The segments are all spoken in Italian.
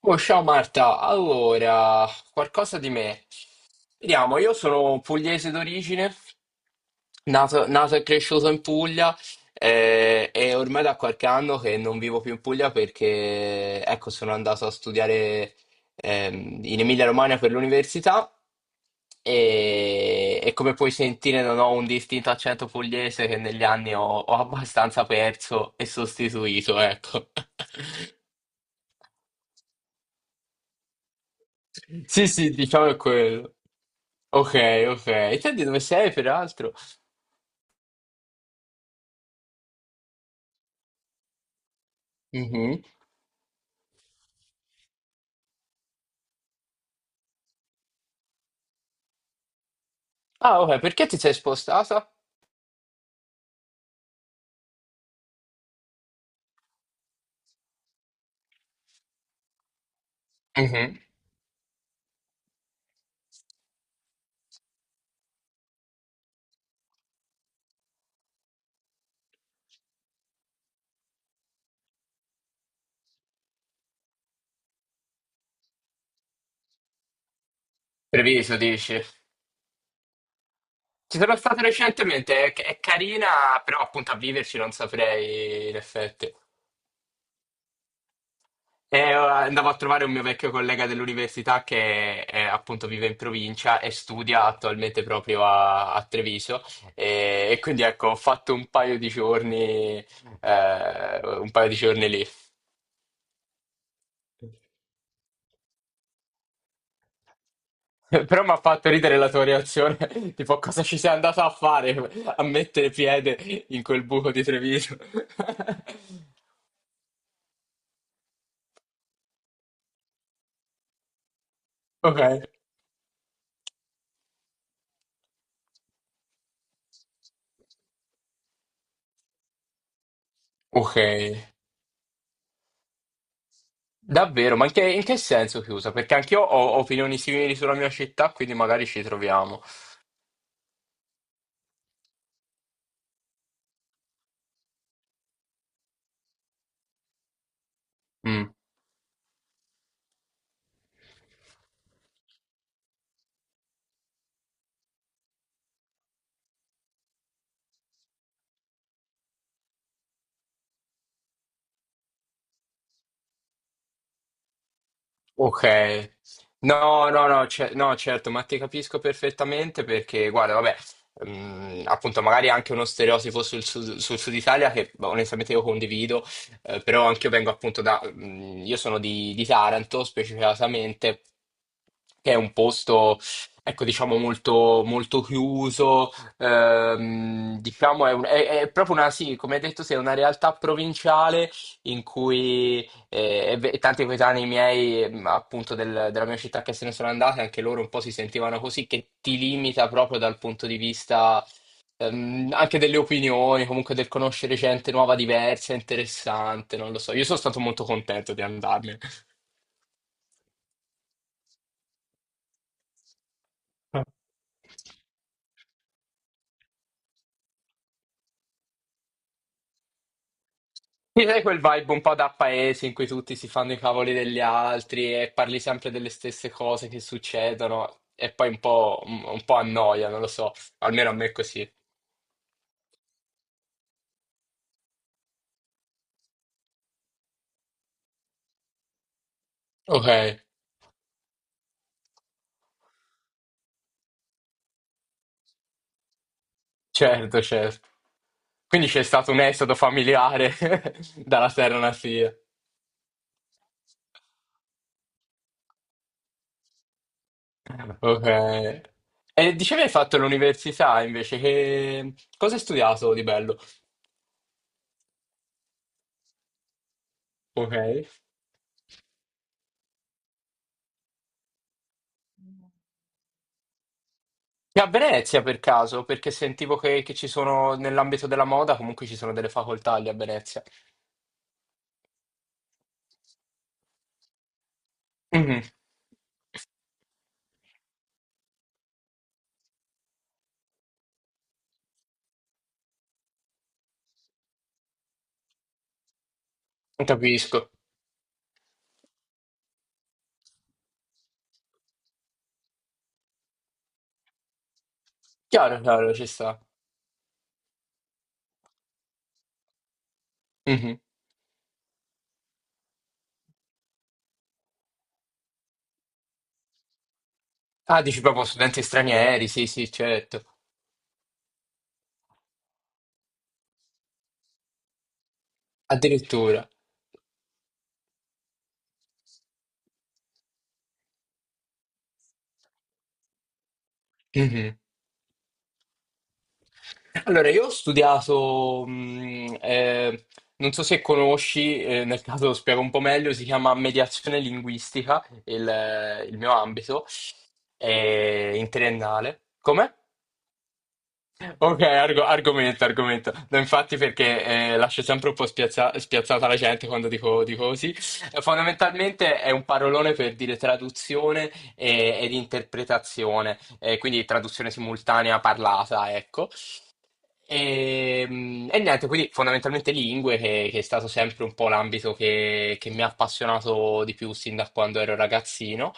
Oh, ciao Marta, allora, qualcosa di me. Vediamo, io sono pugliese d'origine, nato e cresciuto in Puglia e ormai da qualche anno che non vivo più in Puglia perché, ecco, sono andato a studiare in Emilia-Romagna per l'università e come puoi sentire non ho un distinto accento pugliese che negli anni ho abbastanza perso e sostituito, ecco. Sì, sì, diciamo è quello. Ok, ok. E te di dove sei, peraltro? Mhm. Ah, ok, perché ti sei spostata? Mhm. Treviso, dici? Ci sono stato recentemente, è carina, però appunto a viverci non saprei in effetti. Andavo a trovare un mio vecchio collega dell'università che appunto vive in provincia e studia attualmente proprio a Treviso e quindi ecco ho fatto un paio di giorni, un paio di giorni lì. Però mi ha fatto ridere la tua reazione, tipo cosa ci sei andata a fare a mettere piede in quel buco di Treviso. Ok, ok. Davvero, ma in che senso chiusa? Perché anch'io ho opinioni simili sulla mia città, quindi magari ci troviamo. Mm. Ok. No, no, no, no, certo, ma ti capisco perfettamente perché, guarda, vabbè, mm, appunto, magari anche uno stereotipo sul sud Italia che boh, onestamente io condivido, però anche io vengo appunto da, mm, io sono di Taranto specificatamente, che è un posto, ecco, diciamo molto, molto chiuso, diciamo è proprio una, sì, come hai detto, sì, è una realtà provinciale in cui e tanti coetanei miei, appunto, della mia città che se ne sono andati, anche loro un po' si sentivano così, che ti limita proprio dal punto di vista anche delle opinioni, comunque del conoscere gente nuova, diversa, interessante, non lo so. Io sono stato molto contento di andarmene. Eh, Mi dai quel vibe un po' da paese in cui tutti si fanno i cavoli degli altri e parli sempre delle stesse cose che succedono e poi un po' annoia, non lo so, almeno a me è così. Ok, certo, certo. Quindi c'è stato un esodo familiare dalla Serra Nasia. Ok. E dicevi hai fatto l'università invece, che... cosa hai studiato di bello? Ok. E a Venezia per caso, perché sentivo che ci sono, nell'ambito della moda, comunque ci sono delle facoltà lì a Venezia. Mhm. Capisco. Chiaro, chiaro, ci sta. Mhm. Ah, dici proprio studenti stranieri, sì, sì, certo. Addirittura. Mhm. Allora, io ho studiato, non so se conosci, nel caso lo spiego un po' meglio, si chiama mediazione linguistica, il mio ambito, in triennale. Come? Ok, argomento, argomento. No, infatti perché lascio sempre un po' spiazzata la gente quando dico, dico così. Fondamentalmente è un parolone per dire ed interpretazione, quindi traduzione simultanea parlata, ecco. E niente, quindi fondamentalmente lingue, che è stato sempre un po' l'ambito che mi ha appassionato di più sin da quando ero ragazzino.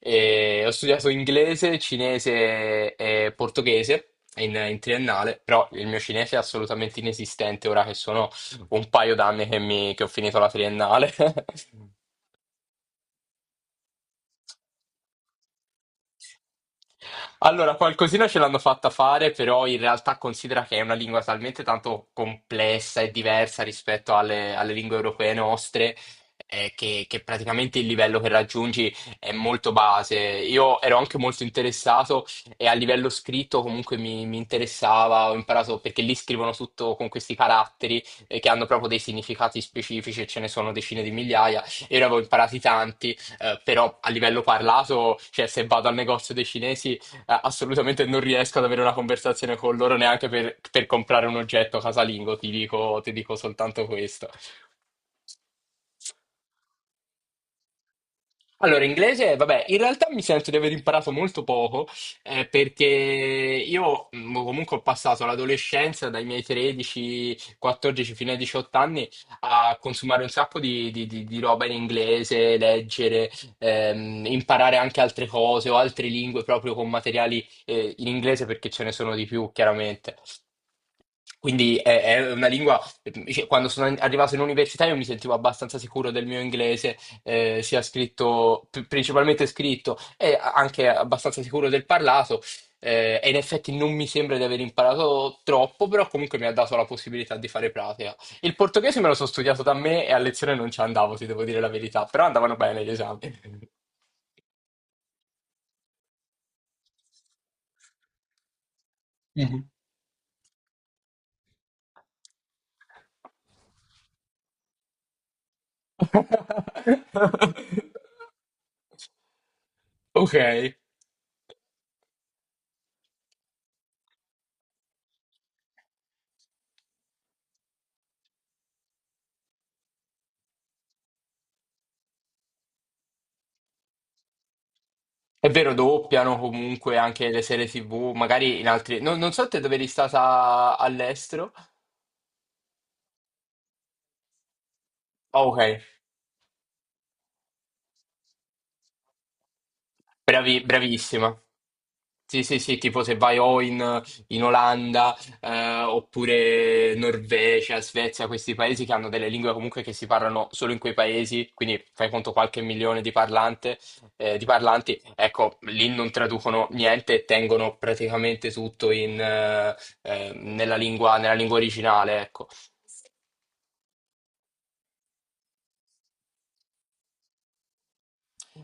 E ho studiato inglese, cinese e portoghese in triennale, però il mio cinese è assolutamente inesistente ora che sono un paio d'anni che che ho finito la triennale. Allora, qualcosina ce l'hanno fatta fare, però in realtà considera che è una lingua talmente tanto complessa e diversa rispetto alle lingue europee nostre, che praticamente il livello che raggiungi è molto base. Io ero anche molto interessato e a livello scritto comunque mi interessava, ho imparato perché lì scrivono tutto con questi caratteri, che hanno proprio dei significati specifici e ce ne sono decine di migliaia. Io ne avevo imparati tanti, però a livello parlato, cioè se vado al negozio dei cinesi assolutamente non riesco ad avere una conversazione con loro neanche per comprare un oggetto casalingo, ti dico soltanto questo. Allora, inglese, vabbè, in realtà mi sento di aver imparato molto poco, perché io comunque ho passato l'adolescenza dai miei 13, 14 fino ai 18 anni a consumare un sacco di roba in inglese, leggere, imparare anche altre cose o altre lingue proprio con materiali, in inglese perché ce ne sono di più, chiaramente. Quindi è una lingua, cioè, quando sono arrivato in università io mi sentivo abbastanza sicuro del mio inglese principalmente scritto e anche abbastanza sicuro del parlato. E in effetti non mi sembra di aver imparato troppo, però comunque mi ha dato la possibilità di fare pratica. Il portoghese me lo sono studiato da me e a lezione non ci andavo, ti devo dire la verità, però andavano bene gli esami. Mhm. Ok, è vero, doppiano comunque anche le serie TV, magari in altri... Non, non so te dove eri stata all'estero. Ah, ok. Bravissima. Sì, sì, sì, tipo se vai in Olanda, oppure Norvegia, Svezia, questi paesi che hanno delle lingue comunque che si parlano solo in quei paesi, quindi fai conto qualche milione di parlante, di parlanti, ecco, lì non traducono niente e tengono praticamente tutto nella lingua originale, ecco.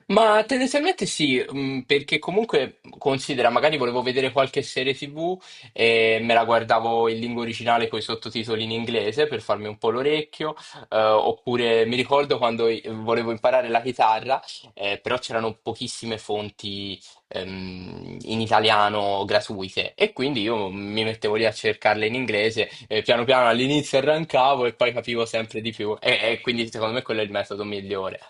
Ma tendenzialmente sì, perché comunque considera, magari volevo vedere qualche serie TV e me la guardavo in lingua originale con i sottotitoli in inglese per farmi un po' l'orecchio, oppure mi ricordo quando volevo imparare la chitarra, però c'erano pochissime fonti in italiano gratuite e quindi io mi mettevo lì a cercarle in inglese, piano piano all'inizio arrancavo e poi capivo sempre di più e quindi secondo me quello è il metodo migliore.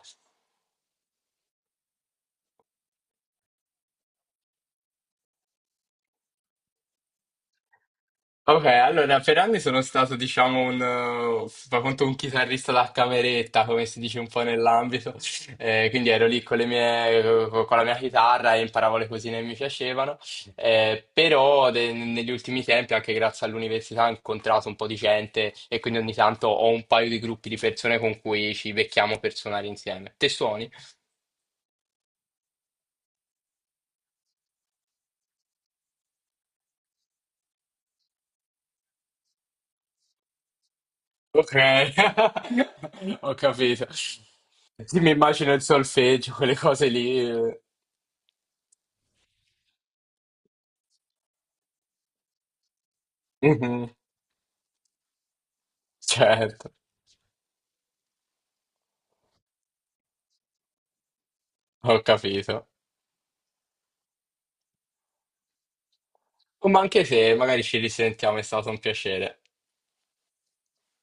Ok, allora per anni sono stato, diciamo, fa conto un chitarrista da cameretta, come si dice un po' nell'ambito. Quindi ero lì con le mie, con la mia chitarra e imparavo le cosine che mi piacevano. Negli ultimi tempi, anche grazie all'università, ho incontrato un po' di gente e quindi ogni tanto ho un paio di gruppi di persone con cui ci becchiamo per suonare insieme. Te suoni? Ok, ho capito. Sì, mi immagino il solfeggio, quelle cose lì. Mhm. Certo, ho capito. Ma anche se magari ci risentiamo, è stato un piacere.